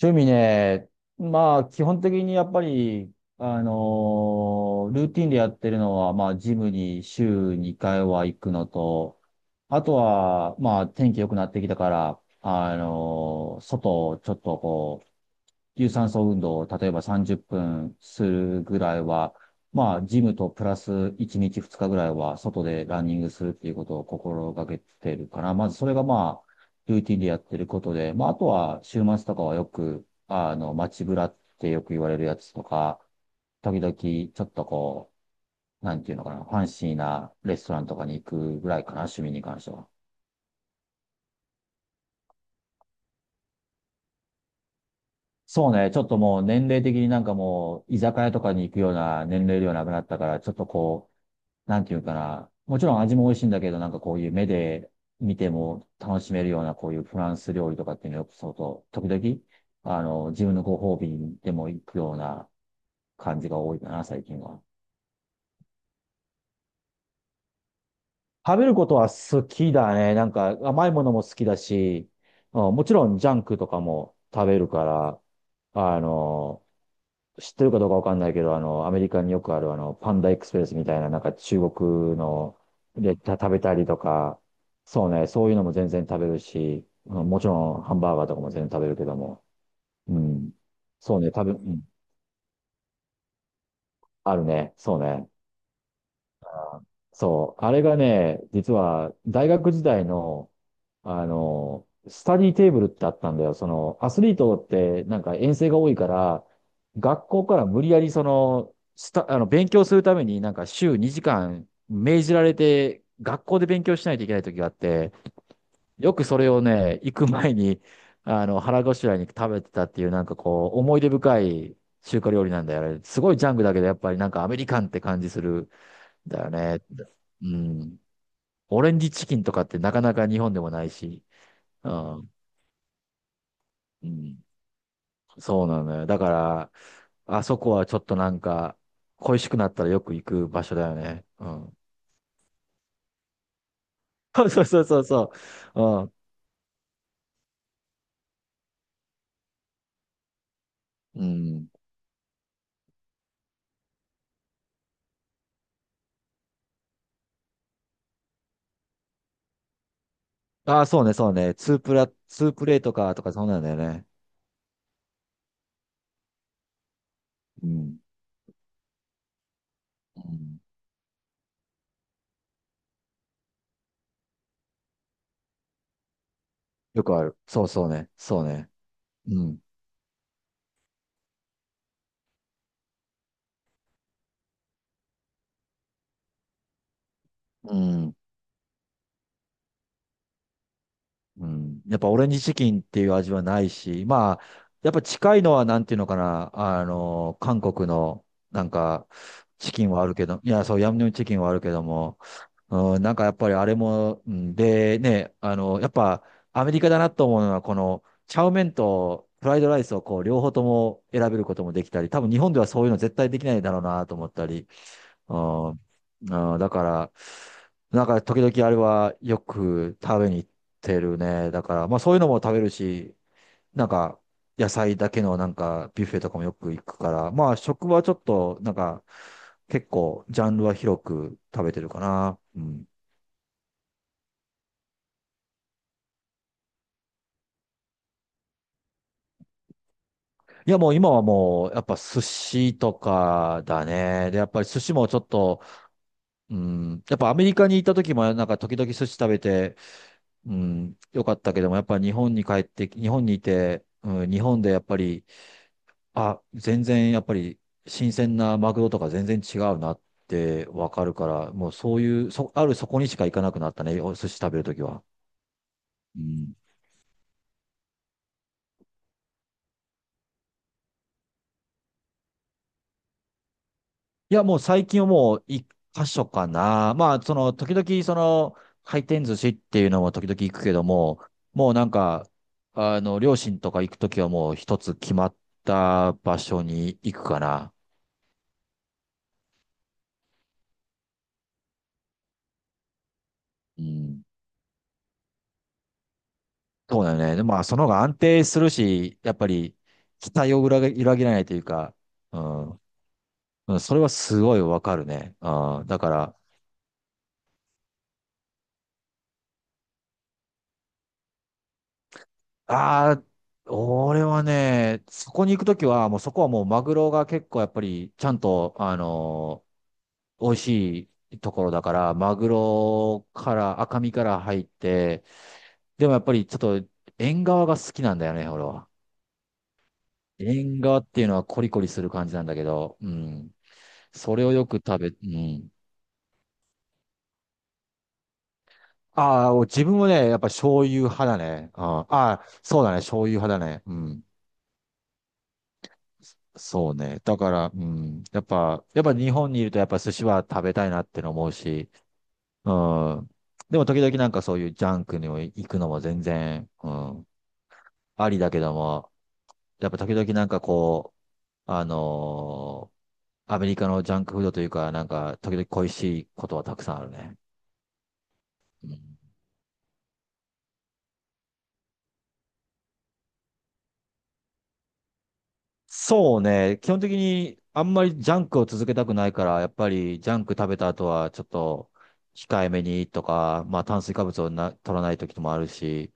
趣味ね、まあ、基本的にやっぱり、ルーティンでやってるのは、まあ、ジムに週2回は行くのと、あとは、まあ、天気良くなってきたから、外をちょっと有酸素運動を例えば30分するぐらいは、まあ、ジムとプラス1日2日ぐらいは外でランニングするっていうことを心がけてるから、まずそれがまあ、ルーティンでやってることで、まあ、あとは週末とかはよく、街ブラってよく言われるやつとか、時々ちょっとなんていうのかな、ファンシーなレストランとかに行くぐらいかな、趣味に関しては。そうね、ちょっともう年齢的になんかもう、居酒屋とかに行くような年齢ではなくなったから、ちょっとこなんていうかな、もちろん味も美味しいんだけど、なんかこういう目で見ても楽しめるようなこういうフランス料理とかっていうのよくそうと、時々、自分のご褒美にでも行くような感じが多いかな、最近は。食べることは好きだね。なんか甘いものも好きだし、うん、もちろんジャンクとかも食べるから、あの、知ってるかどうかわかんないけど、アメリカによくある、パンダエクスプレスみたいな、なんか中国の食べたりとか、そうね、そういうのも全然食べるし、あのもちろんハンバーガーとかも全然食べるけども、うん。そうね、うん、あるね、そうね。そう、あれがね、実は大学時代の、スタディテーブルってあったんだよ。その、アスリートってなんか遠征が多いから、学校から無理やりその、スタ、あの、勉強するためになんか週2時間命じられて、学校で勉強しないといけない時があって、よくそれをね、行く前に、腹ごしらえに食べてたっていうなんかこう、思い出深い中華料理なんだよね。あれすごいジャンクだけど、やっぱりなんかアメリカンって感じする。だよね。うん。オレンジチキンとかってなかなか日本でもないし。うん。うん。そうなのよ。だから、あそこはちょっとなんか、恋しくなったらよく行く場所だよね。うん。そうそうそうそうそう。うん。うん。ああ、そうね、そうね。ツープレイとか、とかそうなんだよね。うん。うん。よくある。そうそうね。そうね。うん。うん。うん。やっぱオレンジチキンっていう味はないし、まあ、やっぱ近いのはなんていうのかな、韓国のなんかチキンはあるけど、いや、そう、ヤムニョムチキンはあるけども、うん、なんかやっぱりあれも、うん、でね、やっぱアメリカだなと思うのは、この、チャウメンとフライドライスをこう、両方とも選べることもできたり、多分日本ではそういうの絶対できないだろうなと思ったり、うん、うん、だから、なんか時々あれはよく食べに行ってるね。だから、まあそういうのも食べるし、なんか野菜だけのなんかビュッフェとかもよく行くから、まあ食はちょっとなんか結構ジャンルは広く食べてるかな。うん。いやもう今はもうやっぱ寿司とかだね。で、やっぱり寿司もちょっと、うん、やっぱアメリカに行った時もなんか時々寿司食べて、うん、よかったけども、やっぱり日本に帰って日本にいて、うん、日本でやっぱり、あ、全然やっぱり新鮮なマグロとか全然違うなってわかるから、もうそういう、そ、あるそこにしか行かなくなったね、お寿司食べるときは。うん。いや、もう最近はもう一箇所かな。まあ、その、時々その、回転寿司っていうのも時々行くけども、もうなんか、両親とか行くときはもう一つ決まった場所に行くかな。うん、そうだよね。でも、まあ、その方が安定するし、やっぱり期待を裏切らないというか、うん、うん、それはすごいわかるね。うん、だから、ああ、俺はね、そこに行くときは、もうそこはもうマグロが結構やっぱりちゃんと、美味しいところだから、マグロから赤身から入って、でもやっぱりちょっと縁側が好きなんだよね、俺は。縁側っていうのはコリコリする感じなんだけど、うん、それをよく食べ、うん。ああ、自分もね、やっぱ醤油派だね。あーあー、そうだね、醤油派だね。うん。そうね。だから、うん。やっぱ日本にいるとやっぱ寿司は食べたいなっての思うし、うん。でも時々なんかそういうジャンクにも行くのも全然、うん。ありだけども、やっぱ時々なんかう、あのーアメリカのジャンクフードというか、なんか時々恋しいことはたくさんあるね。うん、そうね。基本的にあんまりジャンクを続けたくないから、やっぱりジャンク食べた後はちょっと控えめにとか、まあ炭水化物を取らない時もあるし、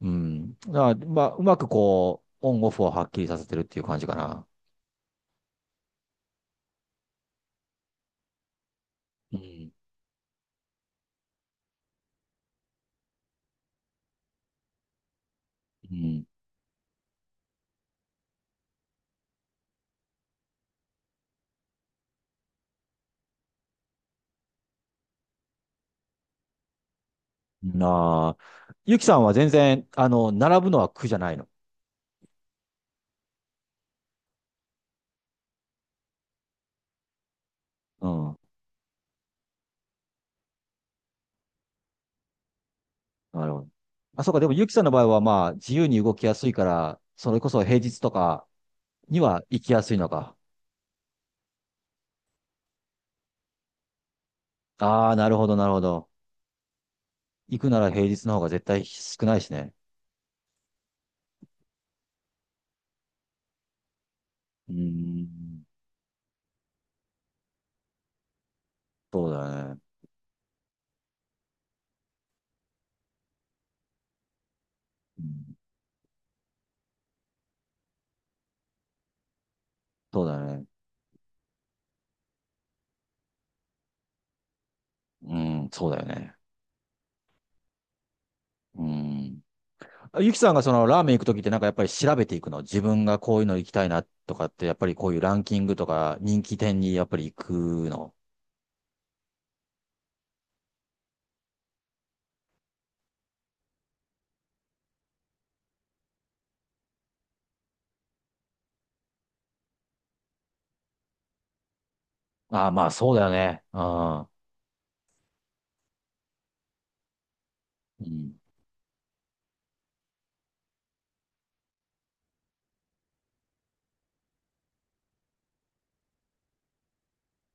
うん。だからまあ、うまくこう、オンオフをはっきりさせてるっていう感じかな。うん。うん。なあ。ゆきさんは全然、並ぶのは苦じゃないの。うん。なるほど。あ、そうか。でもゆきさんの場合はまあ、自由に動きやすいから、それこそ平日とかには行きやすいのか。ああ、なるほど、なるほど。行くなら平日の方が絶対少ないしね。うーん。そうだよね。うん、そうだよね。うん、そうだよね。うん。ゆきさんがそのラーメン行くときってなんかやっぱり調べていくの、自分がこういうの行きたいなとかってやっぱりこういうランキングとか人気店にやっぱり行くの。ああ、まあそうだよね。ああ。うん。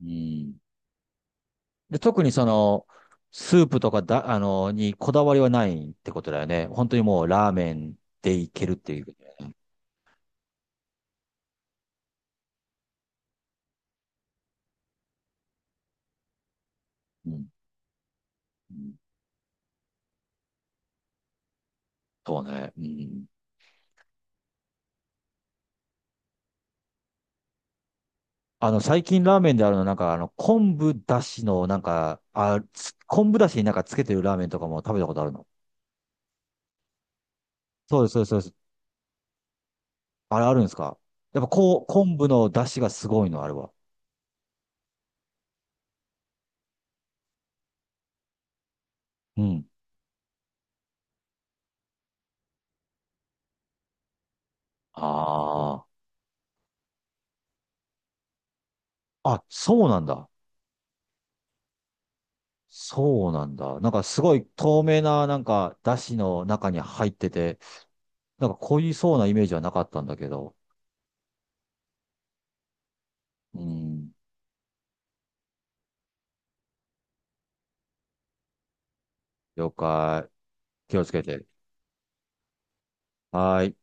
うん。で、特にその、スープとかだ、あの、にこだわりはないってことだよね。本当にもうラーメンでいけるっていう。うん。うん、そうね。うん。最近ラーメンであるの、なんか、昆布だしの、昆布だしになんかつけてるラーメンとかも食べたことあるの。そうです、そうです、そうです。あれあるんですか？やっぱこう、昆布のだしがすごいの、あれは。うん。ああ。あ、そうなんだ。そうなんだ。なんかすごい透明な、なんか、だしの中に入ってて、なんか濃いそうなイメージはなかったんだけど。うん。了解。気をつけて。はーい。